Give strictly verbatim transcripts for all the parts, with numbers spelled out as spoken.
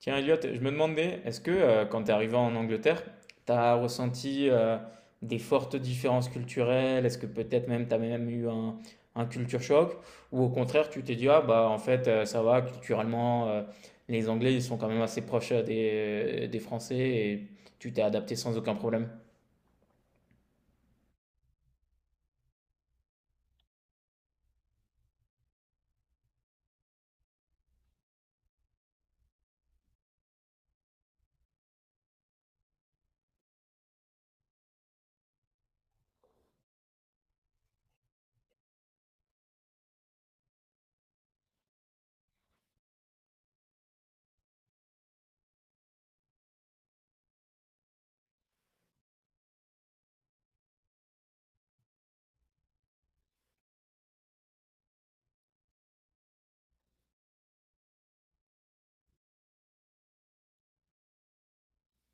Tiens, Elliot, je me demandais, est-ce que euh, quand tu es arrivé en Angleterre, tu as ressenti euh, des fortes différences culturelles? Est-ce que peut-être même tu as même eu un, un culture choc? Ou au contraire, tu t'es dit, ah bah en fait, euh, ça va, culturellement, euh, les Anglais, ils sont quand même assez proches euh, des, euh, des Français et tu t'es adapté sans aucun problème.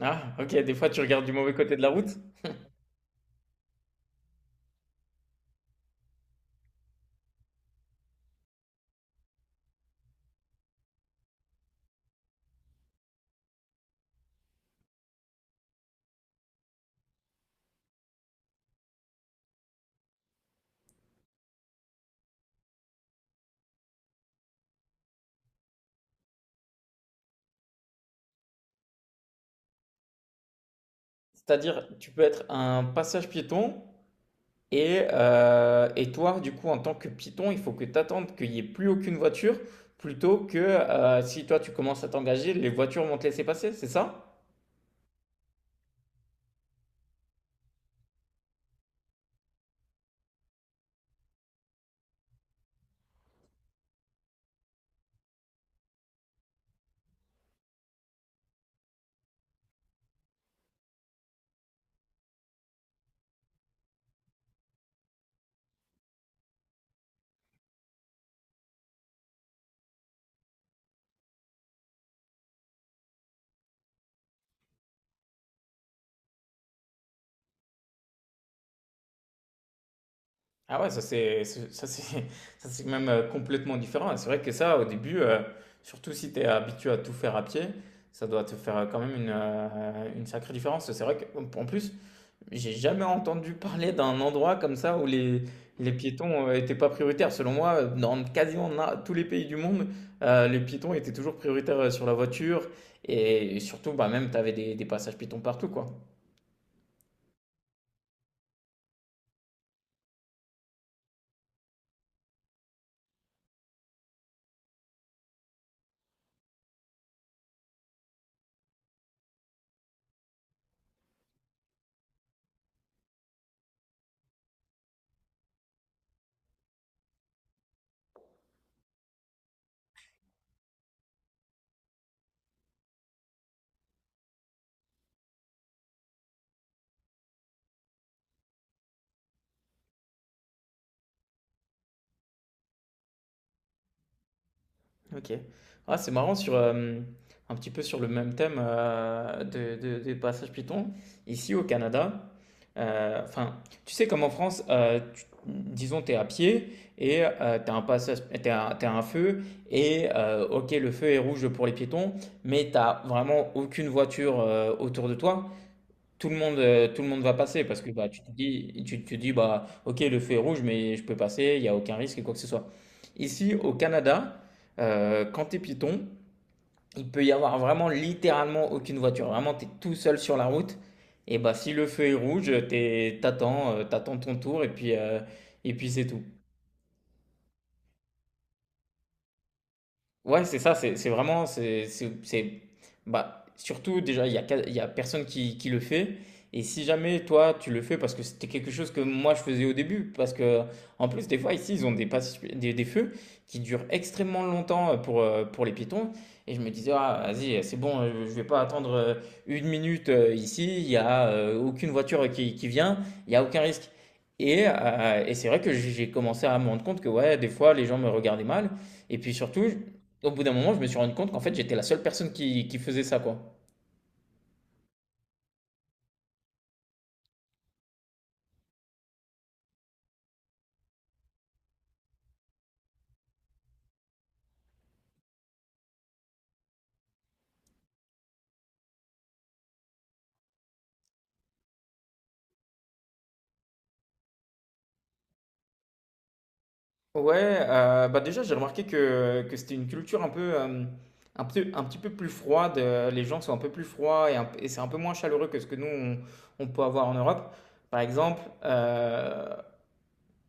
Ah, ok, des fois tu regardes du mauvais côté de la route. C'est-à-dire, tu peux être un passage piéton. Et, euh, et toi, du coup, en tant que python, il faut que tu attendes qu'il n'y ait plus aucune voiture plutôt que euh, si toi tu commences à t'engager, les voitures vont te laisser passer, c'est ça? Ah ouais, ça c'est c'est- ça c'est ça c'est même euh, complètement différent. Et c'est vrai que ça, au début, euh, surtout si tu es habitué à tout faire à pied, ça doit te faire euh, quand même une, euh, une sacrée différence. C'est vrai qu'en plus, j'ai jamais entendu parler d'un endroit comme ça où les les piétons, heu, étaient pas prioritaires. Selon moi, heu, dans quasiment na tous les pays du monde, heu, les piétons étaient toujours prioritaires, heu, sur la voiture et surtout, bah, même tu avais des des passages piétons partout, quoi. OK. Ah, c'est marrant sur, hem, un petit peu sur le même thème, heu, de de des passages Python. Ici, au Canada, heu, enfin, tu sais, comme en France, heu, tu disons, tu es à pied et heu, tu as un passage t'es as tu as un feu et heu, OK, le feu est rouge pour les piétons, mais tu as vraiment aucune voiture, heu, autour de toi. Tout le monde, euh, tout le monde va passer parce que bah, tu te dis, tu te dis bah, ok, le feu est rouge, mais je peux passer, il n'y a aucun risque et quoi que ce soit. Ici, au Canada, euh, quand tu es piéton, il peut y avoir vraiment littéralement aucune voiture. Vraiment, tu es tout seul sur la route. Et bah, si le feu est rouge, t'es- t'attends, euh, t'attends ton tour et puis, euh, et puis c'est tout. Ouais, c'est ça, c'est c'est vraiment, c'est, c'est, c'est- bah, surtout déjà, il y a, quel- il y a personne qui, qui le fait. Et si jamais toi, tu le fais parce que c'était quelque chose que moi je faisais au début, parce que en plus, des fois ici, ils ont des, passes- des, des feux qui durent extrêmement longtemps euh, pour, euh, pour les piétons. Et je me disais, ah, vas-y, c'est bon, euh, je vais pas attendre euh, une minute, euh, ici, il y a euh, aucune voiture qui, qui vient, il y a aucun risque. Et, euh, et c'est vrai que j'ai j'ai commencé à me rendre compte que ouais, des fois, les gens me regardaient mal. Et puis surtout, au bout d'un moment, je me suis rendu compte qu'en fait, j'étais la seule personne qui, qui faisait ça, quoi. Ouais, euh, bah déjà j'ai remarqué que, que c'était une culture un peu, euh, un peu, un petit peu plus froide. euh, Les gens sont un peu plus froids et, un- et c'est un peu moins chaleureux que ce que nous on, on peut avoir en Europe. Par exemple, euh,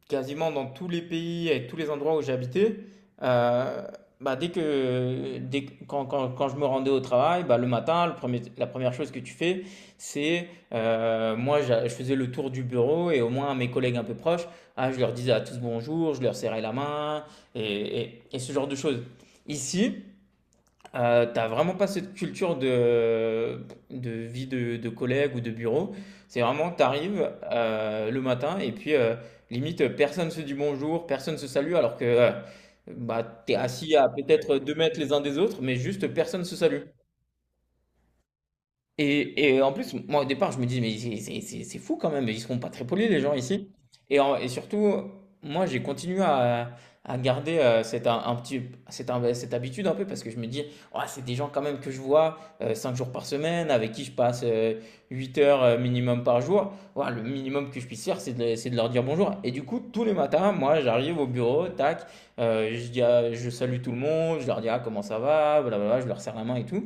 quasiment dans tous les pays et tous les endroits où j'ai habité, euh, bah dès que, dès, que- quand, quand, quand je me rendais au travail, bah le matin, le premier, la première chose que tu fais, c'est, euh, moi, j'a- je faisais le tour du bureau et au moins à mes collègues un peu proches, ah, je leur disais à tous bonjour, je leur serrais la main et, et, et ce genre de choses. Ici, euh, t'as vraiment pas cette culture de, de vie de, de collègue ou de bureau. C'est vraiment, t'arrives euh, le matin et puis euh, limite personne se dit bonjour, personne se salue alors que euh, bah, t'es assis à peut-être deux mètres les uns des autres, mais juste personne se salue. Et et en plus, moi, au départ, je me dis: «Mais c'est c'est c'est c'est fou quand même, ils seront pas très polis les gens ici», et en et surtout, moi, j'ai continué à à garder, heu, cette un un petit cette un cette habitude un peu parce que je me dis: «Oh, c'est des gens quand même que je vois, euh, cinq jours par semaine, avec qui je passe, euh, huit heures, heu, minimum par jour. Ouah, le minimum que je puisse faire, c'est de c'est de leur dire bonjour», et du coup, tous les matins, moi, j'arrive au bureau, tac, heu, je dis à je salue tout le monde, je leur dis: «Ah, comment ça va?» blablabla, je leur serre la main et tout,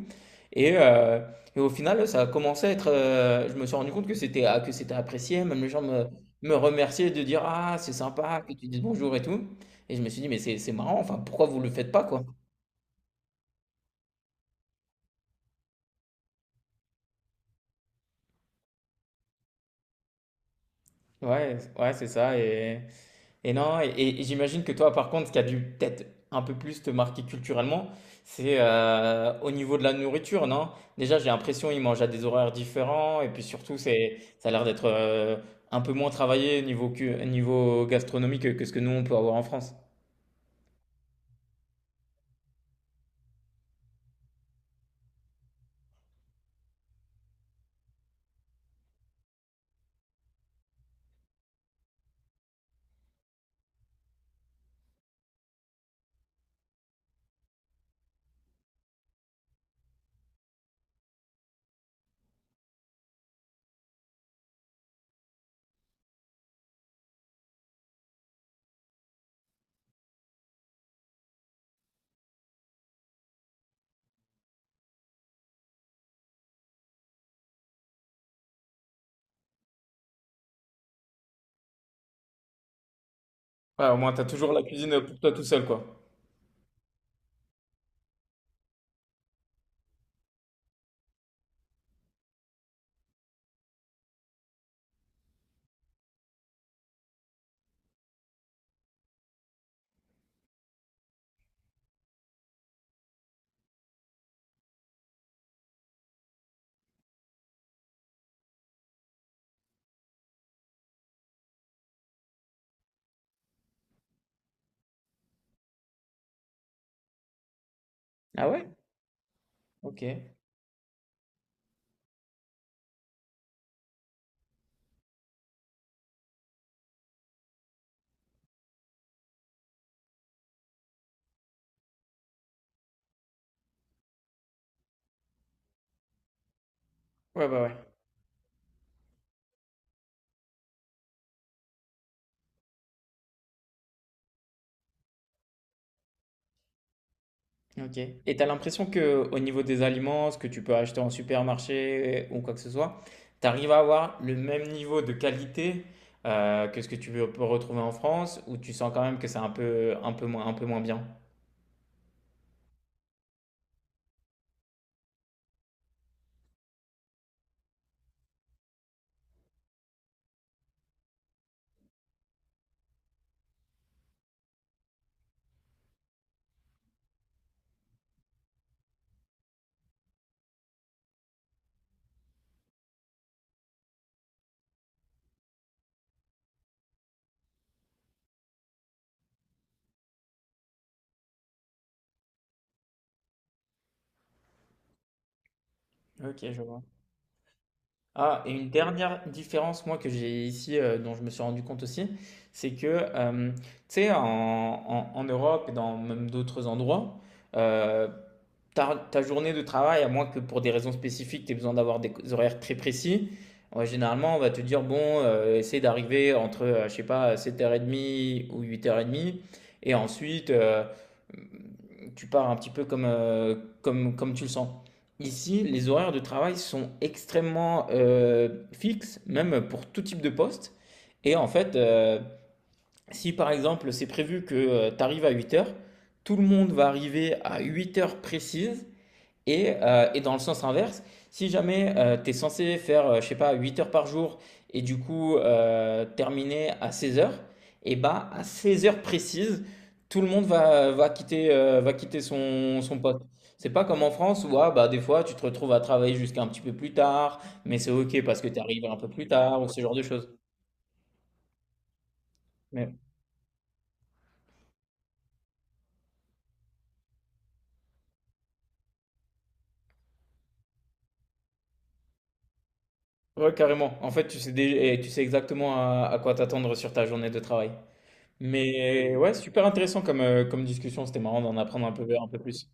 et heu et au final, ça a commencé à être, heu, je me suis rendu compte que c'était a que c'était apprécié. Même les gens me me remerciaient de dire: «Ah, c'est sympa que tu dises bonjour et tout», et je me suis dit: «Mais c'est c'est marrant, enfin, pourquoi vous le faites pas, quoi?» Ouais, ouais, c'est ça et et non et et j'imagine que toi, par contre, ce qui a dû peut-être un peu plus te marquer culturellement, c'est, heu, au niveau de la nourriture, non? Déjà, j'ai l'impression, ils mangent à des horaires différents et puis surtout, c'est ça a l'air d'être, heu, un peu moins travaillé niveau cu niveau gastronomique que que ce que nous, on peut avoir en France. Ouais, au moins, t'as toujours la cuisine pour toi tout seul, quoi. Ah ouais? Ok. Ouais, bah ouais. Ok. Et t'as l'impression que au niveau des aliments, ce que tu peux acheter en supermarché ou quoi que ce soit, t'arrives à avoir le même niveau de qualité euh, que ce que tu peux peux retrouver en France, ou tu sens quand même que c'est un peu, un peu moins, un peu moins bien? Ok, je vois. Ah, et une dernière différence, moi, que j'ai ici, euh, dont je me suis rendu compte aussi, c'est que, euh, tu sais, en, en- en Europe et dans même d'autres endroits, euh, ta, ta journée de travail, à moins que pour des raisons spécifiques, tu aies besoin d'avoir des horaires très précis, ouais, généralement, on va te dire, bon, euh, essaie d'arriver entre, euh, je sais pas, sept heures trente ou huit heures trente, et ensuite, euh, tu pars un petit peu comme, euh, comme, comme tu le sens. Ici, les horaires de travail sont extrêmement euh, fixes, même pour tout type de poste. Et en fait, euh, si par exemple c'est prévu que euh, tu arrives à huit heures, tout le monde va arriver à huit heures précises et, euh, et dans le sens inverse, si jamais euh, tu es censé faire, euh, je sais pas, huit heures par jour et du coup euh, terminer à seize heures, et bah à seize heures précises, tout le monde va, va quitter, euh, va quitter son, son poste. C'est pas comme en France où ah, bah, des fois tu te retrouves à travailler jusqu'à un petit peu plus tard, mais c'est ok parce que tu arrives un peu plus tard ou ce genre de choses. Mais ouais, carrément. En fait, tu sais, dé- et tu sais exactement à, à quoi t'attendre sur ta journée de travail. Mais ouais, super intéressant comme, euh, comme discussion. C'était marrant d'en apprendre un peu, un peu plus.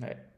Ouais.